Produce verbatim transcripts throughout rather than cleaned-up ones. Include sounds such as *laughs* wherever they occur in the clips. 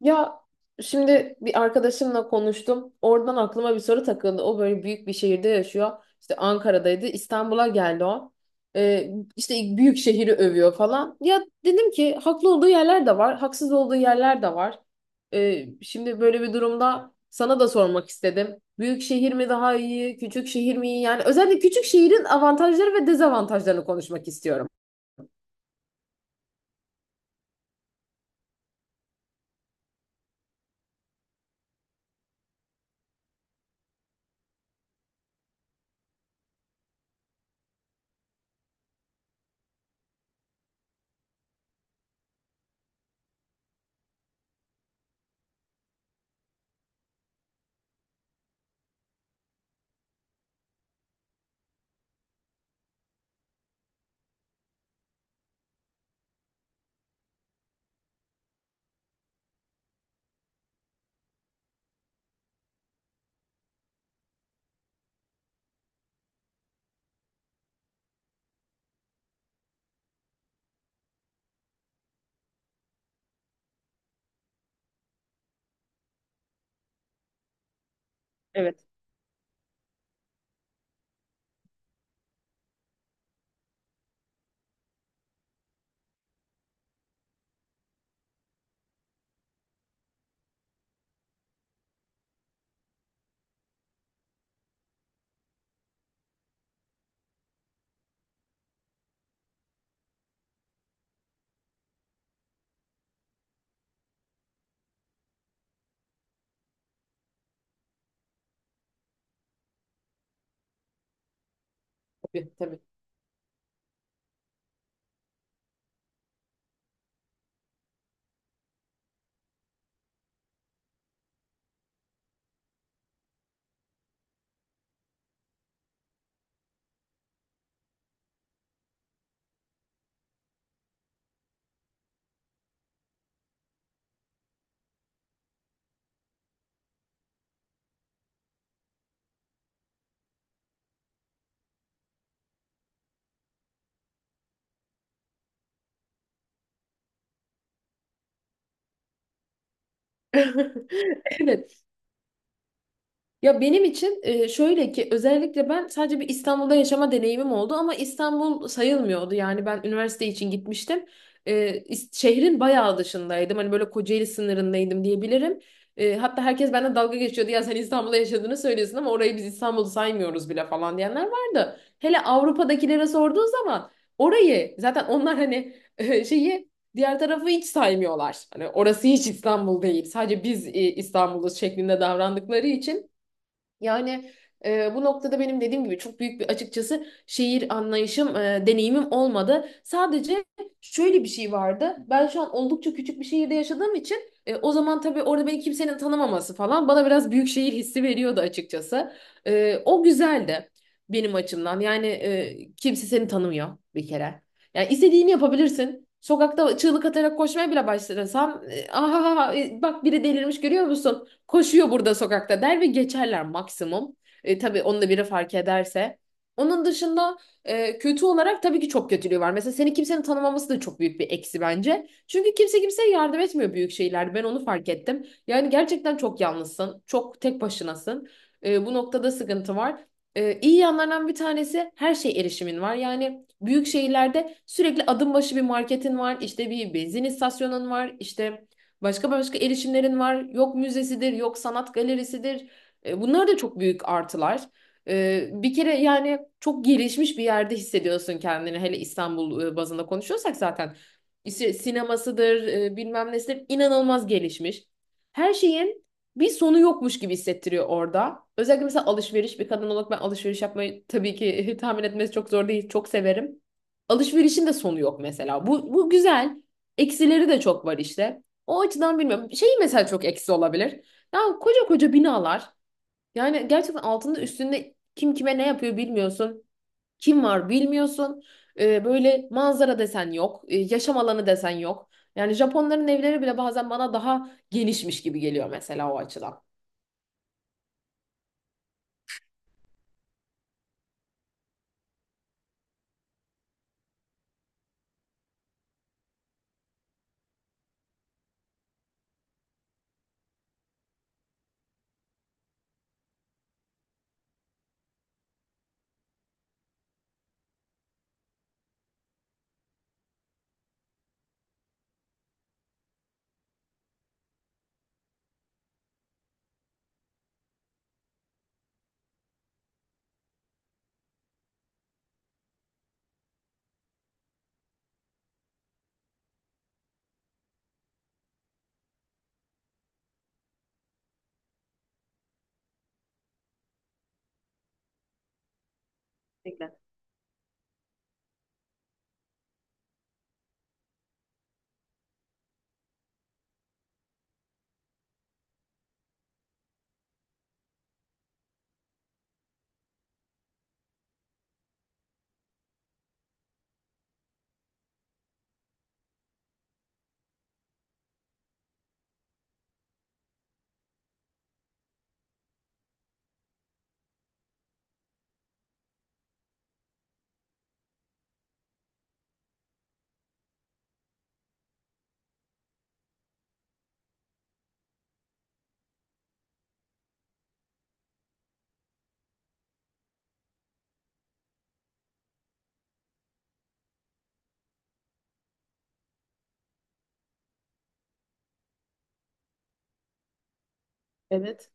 Ya, şimdi bir arkadaşımla konuştum. Oradan aklıma bir soru takıldı. O böyle büyük bir şehirde yaşıyor. İşte Ankara'daydı. İstanbul'a geldi o. Ee, işte büyük şehri övüyor falan. Ya dedim ki haklı olduğu yerler de var. Haksız olduğu yerler de var. Ee, şimdi böyle bir durumda sana da sormak istedim. Büyük şehir mi daha iyi? Küçük şehir mi iyi? Yani özellikle küçük şehrin avantajları ve dezavantajlarını konuşmak istiyorum. Evet. Tabii, tabii. *laughs* Evet. Ya benim için e, şöyle ki, özellikle ben sadece bir İstanbul'da yaşama deneyimim oldu ama İstanbul sayılmıyordu. Yani ben üniversite için gitmiştim. E, is- Şehrin bayağı dışındaydım. Hani böyle Kocaeli sınırındaydım diyebilirim. E, hatta herkes benden dalga geçiyordu. Ya sen İstanbul'da yaşadığını söylüyorsun ama orayı biz İstanbul'u saymıyoruz bile falan diyenler vardı. Hele Avrupa'dakilere sorduğu zaman orayı zaten onlar hani e, şeyi diğer tarafı hiç saymıyorlar. Hani orası hiç İstanbul değil. Sadece biz e, İstanbul'uz şeklinde davrandıkları için, yani, e, bu noktada benim dediğim gibi çok büyük bir, açıkçası, şehir anlayışım, e, deneyimim olmadı. Sadece şöyle bir şey vardı. Ben şu an oldukça küçük bir şehirde yaşadığım için, e, o zaman tabii orada beni kimsenin tanımaması falan bana biraz büyük şehir hissi veriyordu açıkçası. E, o güzeldi benim açımdan. Yani, e, kimse seni tanımıyor bir kere. Yani istediğini yapabilirsin. Sokakta çığlık atarak koşmaya bile başlasan, e, *laughs* aha, e, bak, biri delirmiş, görüyor musun? Koşuyor burada sokakta der ve geçerler maksimum. E, tabii onu da biri fark ederse. Onun dışında, e, kötü olarak tabii ki çok kötülüğü var. Mesela seni kimsenin tanımaması da çok büyük bir eksi bence. Çünkü kimse kimseye yardım etmiyor büyük şeylerde. Ben onu fark ettim. Yani gerçekten çok yalnızsın. Çok tek başınasın. E, bu noktada sıkıntı var. E, iyi yanlarından bir tanesi, her şey, erişimin var. Yani büyük şehirlerde sürekli adım başı bir marketin var, işte bir benzin istasyonun var, işte başka başka erişimlerin var. Yok müzesidir, yok sanat galerisidir. E, bunlar da çok büyük artılar. E, bir kere yani çok gelişmiş bir yerde hissediyorsun kendini. Hele İstanbul e, bazında konuşuyorsak zaten. İşte sinemasıdır, e, bilmem nesidir, inanılmaz gelişmiş. Her şeyin bir sonu yokmuş gibi hissettiriyor orada. Özellikle mesela alışveriş, bir kadın olarak ben alışveriş yapmayı tabii ki *laughs* tahmin etmesi çok zor değil, çok severim. Alışverişin de sonu yok mesela. Bu, bu güzel. Eksileri de çok var işte. O açıdan bilmiyorum. Şey mesela çok eksi olabilir. Ya, koca koca binalar. Yani gerçekten altında üstünde kim kime ne yapıyor bilmiyorsun. Kim var bilmiyorsun. Ee, böyle manzara desen yok. Ee, yaşam alanı desen yok. Yani Japonların evleri bile bazen bana daha genişmiş gibi geliyor mesela, o açıdan. Kesinlikle. Evet.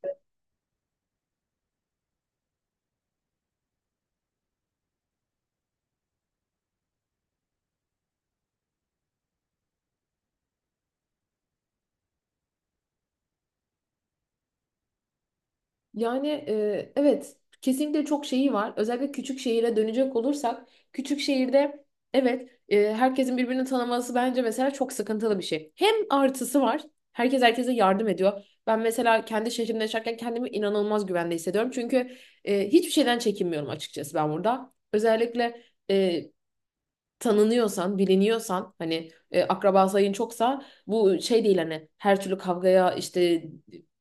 Yani, e, evet, kesinlikle çok şeyi var. Özellikle küçük şehire dönecek olursak, küçük şehirde, evet, e, herkesin birbirini tanıması bence mesela çok sıkıntılı bir şey. Hem artısı var. Herkes herkese yardım ediyor. Ben mesela kendi şehrimde yaşarken kendimi inanılmaz güvende hissediyorum. Çünkü e, hiçbir şeyden çekinmiyorum açıkçası ben burada. Özellikle e, tanınıyorsan, biliniyorsan, hani, e, akraba sayın çoksa, bu şey değil, hani her türlü kavgaya, işte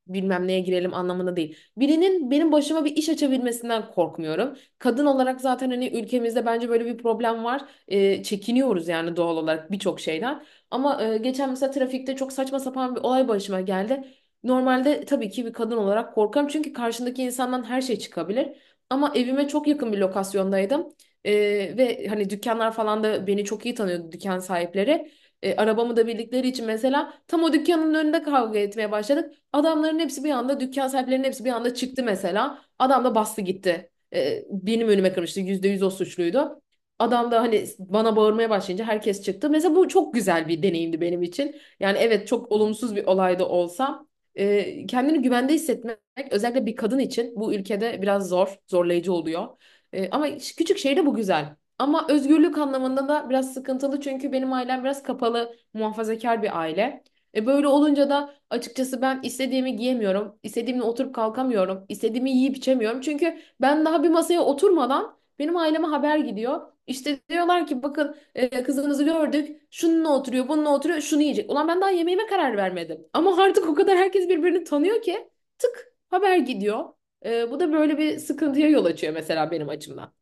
bilmem neye girelim anlamında değil. Birinin benim başıma bir iş açabilmesinden korkmuyorum. Kadın olarak zaten hani ülkemizde bence böyle bir problem var. E, çekiniyoruz yani doğal olarak birçok şeyden. Ama e, geçen mesela trafikte çok saçma sapan bir olay başıma geldi. Normalde tabii ki bir kadın olarak korkarım çünkü karşındaki insandan her şey çıkabilir. Ama evime çok yakın bir lokasyondaydım. Ee, ve hani dükkanlar falan da beni çok iyi tanıyordu, dükkan sahipleri. Ee, arabamı da bildikleri için mesela tam o dükkanın önünde kavga etmeye başladık. Adamların hepsi bir anda, dükkan sahiplerinin hepsi bir anda çıktı mesela. Adam da bastı gitti. Ee, benim önüme kırmıştı. Yüzde yüz o suçluydu. Adam da hani bana bağırmaya başlayınca herkes çıktı. Mesela bu çok güzel bir deneyimdi benim için. Yani evet, çok olumsuz bir olay da olsa e, kendini güvende hissetmek özellikle bir kadın için bu ülkede biraz zor, zorlayıcı oluyor. E, ama ş- küçük şehirde bu güzel. Ama özgürlük anlamında da biraz sıkıntılı, çünkü benim ailem biraz kapalı, muhafazakar bir aile. E, böyle olunca da açıkçası ben istediğimi giyemiyorum, istediğimle oturup kalkamıyorum, istediğimi yiyip içemiyorum. Çünkü ben daha bir masaya oturmadan benim aileme haber gidiyor. İşte diyorlar ki bakın, e, kızınızı gördük, şununla oturuyor, bununla oturuyor, şunu yiyecek. Ulan ben daha yemeğime karar vermedim. Ama artık o kadar herkes birbirini tanıyor ki tık, haber gidiyor. Ee, bu da böyle bir sıkıntıya yol açıyor mesela benim açımdan.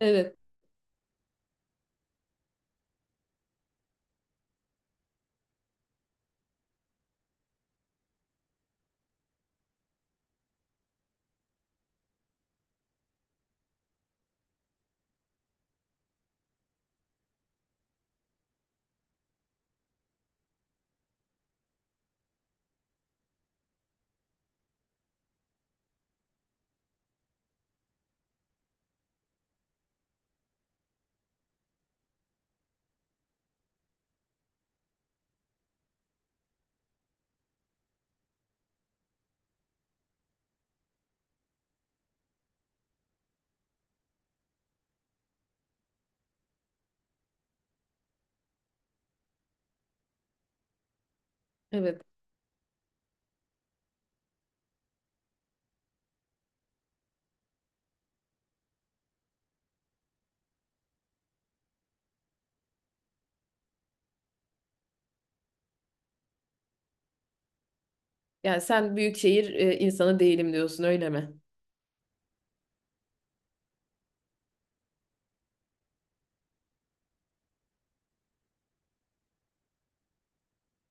Evet, evet. Yani sen büyük şehir e, insanı değilim diyorsun, öyle mi?